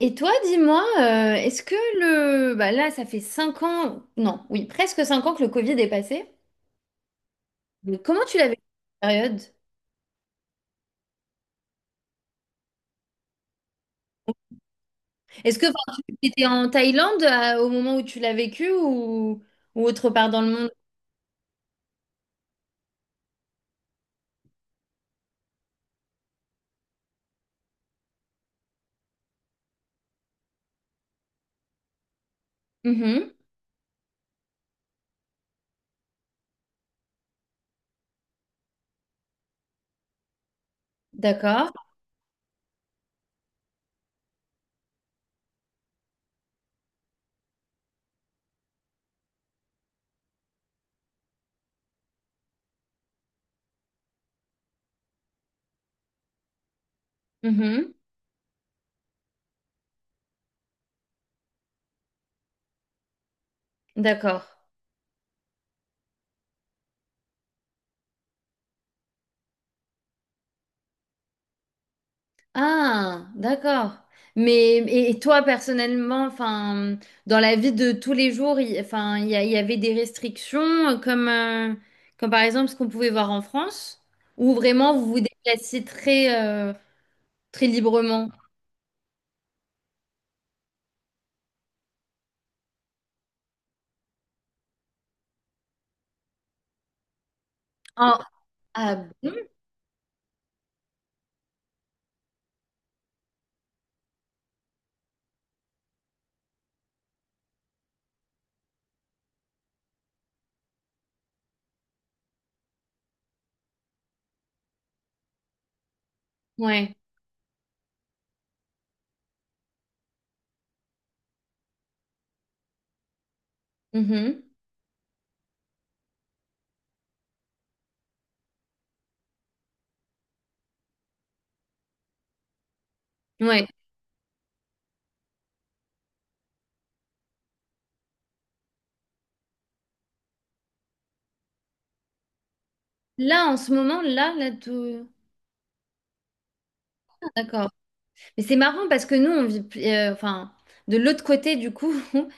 Et toi, dis-moi, est-ce que Bah là, ça fait 5 ans, non, oui, presque 5 ans que le Covid est passé. Mais comment tu l'as vécu cette période? Tu étais en Thaïlande au moment où tu l'as vécu ou autre part dans le monde? Mhm, d'accord. Mhm, d'accord. Ah, d'accord. Mais et toi personnellement, dans la vie de tous les jours, il y avait des restrictions euh, comme, euh, comme par exemple ce qu'on pouvait voir en France, où vraiment vous vous déplaciez très librement. Ah, ah bon? Ouais. Mhm. Ouais. Là, en ce moment, tout. Ah, d'accord. Mais c'est marrant parce que nous, de l'autre côté, du coup,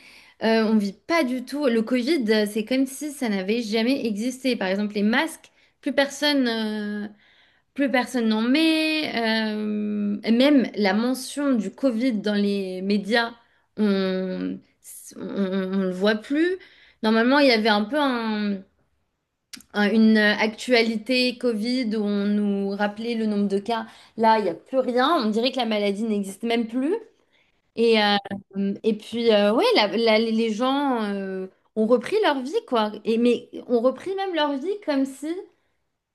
on vit pas du tout. Le Covid, c'est comme si ça n'avait jamais existé. Par exemple, les masques, plus personne, euh, plus personne n'en met. Et même la mention du Covid dans les médias, on, on le voit plus. Normalement, il y avait un peu une actualité Covid où on nous rappelait le nombre de cas. Là, il n'y a plus rien. On dirait que la maladie n'existe même plus. Et, euh, et puis, ouais, les gens ont repris leur vie, quoi. Et, mais ont repris même leur vie comme si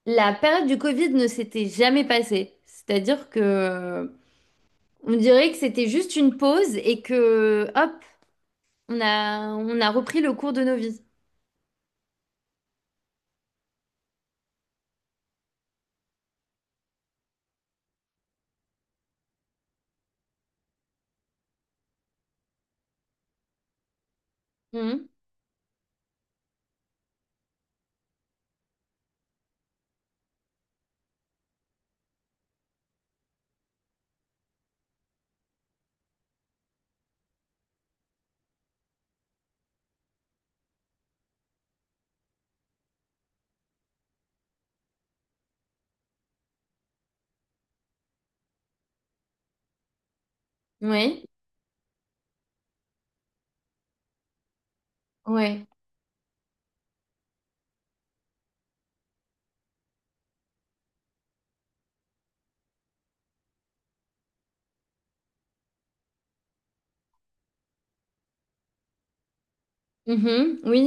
la période du Covid ne s'était jamais passée. C'est-à-dire que On dirait que c'était juste une pause et que, hop, on a repris le cours de nos vies. Mhm. Oui, ouais. Mhm. Oui.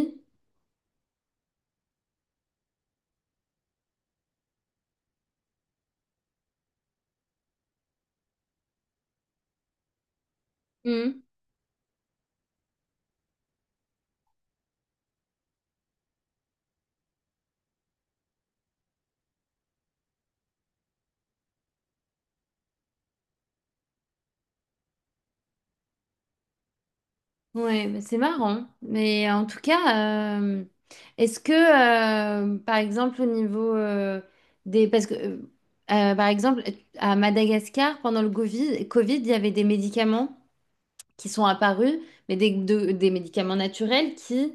Mmh. Ouais, bah, c'est marrant. Mais en tout cas, est-ce que, par exemple, au niveau des... Parce que, euh, par exemple, à Madagascar, pendant le Covid, il y avait des médicaments qui sont apparus, mais des médicaments naturels qui,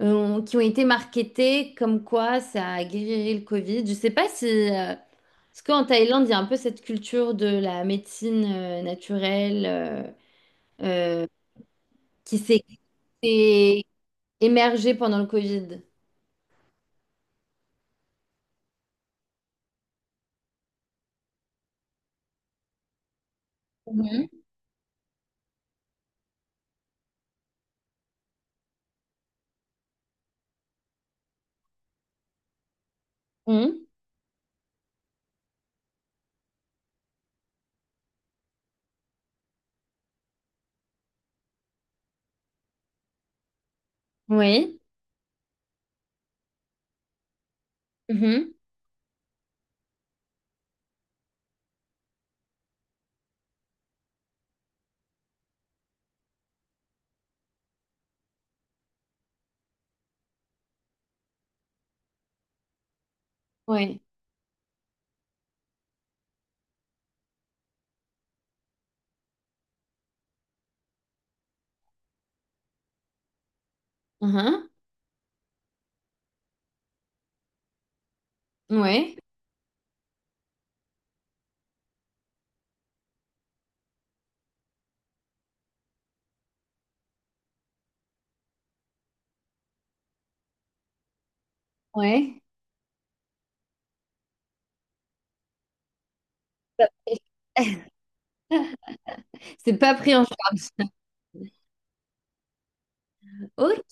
euh, ont, qui ont été marketés comme quoi ça guérirait le Covid. Je sais pas si... parce qu'en Thaïlande, il y a un peu cette culture de la médecine naturelle euh, qui s'est émergé pendant le Covid. Mhm. Mhm. Oui. Mhm. Oui. Mhm. Oui. Oui. C'est pas pris en charge. Ok.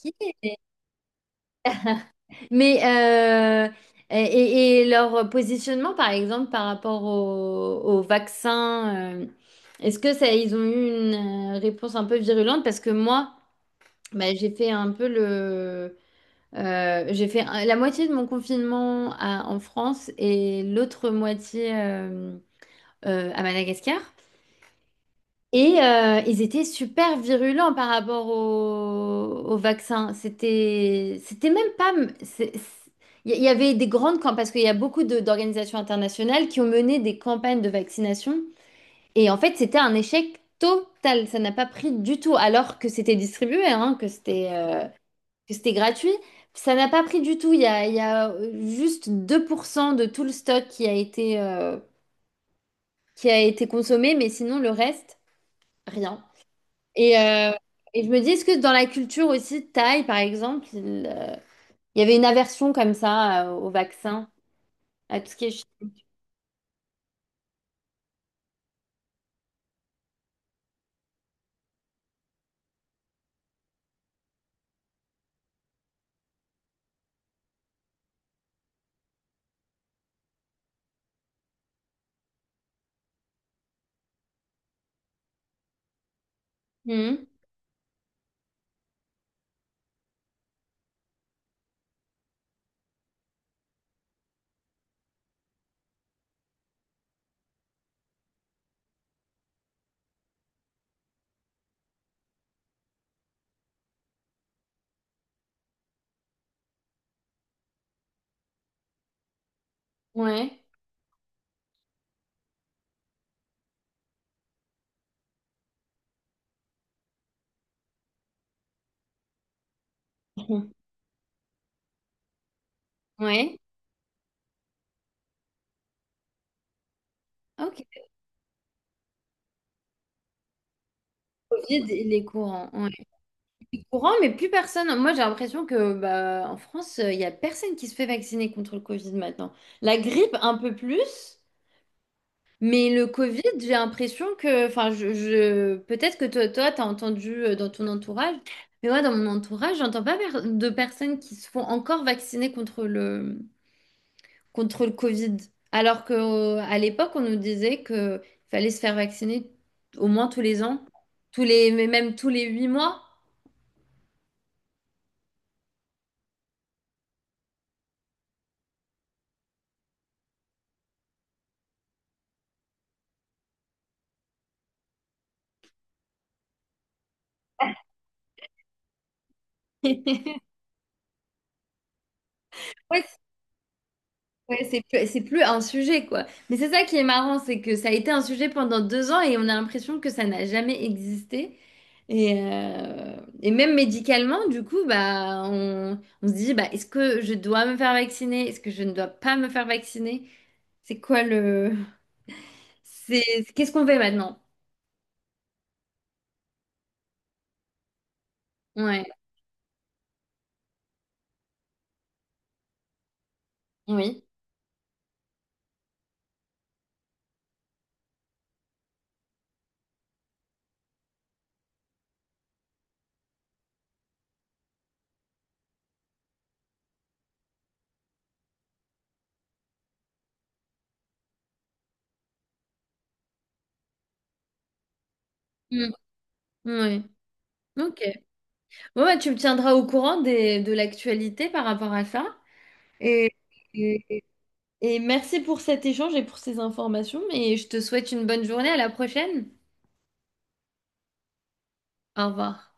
Mais et leur positionnement, par exemple, par rapport au vaccin, est-ce que ça, ils ont eu une réponse un peu virulente? Parce que moi, bah, j'ai fait un peu le, j'ai fait un- la moitié de mon confinement en France et l'autre moitié. À Madagascar. Et ils étaient super virulents par rapport au vaccin. C'était même pas. c'est- c'est- il y avait des grandes campagnes, parce qu'il y a beaucoup d'organisations internationales qui ont mené des campagnes de vaccination. Et en fait, c'était un échec total. Ça n'a pas pris du tout, alors que c'était distribué, hein, que c'était gratuit. Ça n'a pas pris du tout. Il y a juste 2% de tout le stock qui a été consommé, mais sinon, le reste, rien. Et, euh, et je me dis, est-ce que dans la culture aussi, Thaï, par exemple, il y avait une aversion comme ça au vaccin, à tout ce qui est... chi- Mhm. Ouais. Mhm. Ouais. Ok. Covid, il est courant. Ouais. Il est courant, mais plus personne. Moi, j'ai l'impression que bah, en France, il y a personne qui se fait vacciner contre le Covid maintenant. La grippe, un peu plus. Mais le Covid, j'ai l'impression que, peut-être que t'as entendu dans ton entourage, mais moi, dans mon entourage, j'entends pas per- de personnes qui se font encore vacciner contre contre le Covid. Alors que, à l'époque, on nous disait que il fallait se faire vacciner au moins tous les ans, tous les, mais même tous les 8 mois. Ouais, ouais, c'est plus un sujet, quoi. Mais c'est ça qui est marrant, c'est que ça a été un sujet pendant 2 ans et on a l'impression que ça n'a jamais existé. Et, euh, et même médicalement, du coup, bah, on se dit, bah, est-ce que je dois me faire vacciner? Est-ce que je ne dois pas me faire vacciner? C'est quoi le... C'est, qu'est-ce qu'on fait maintenant? Ouais, oui. Mm. Oui. Ok. Bon, bah, tu me tiendras au courant des, de l'actualité par rapport à ça. Et, Et merci pour cet échange et pour ces informations, et je te souhaite une bonne journée, à la prochaine. Au revoir.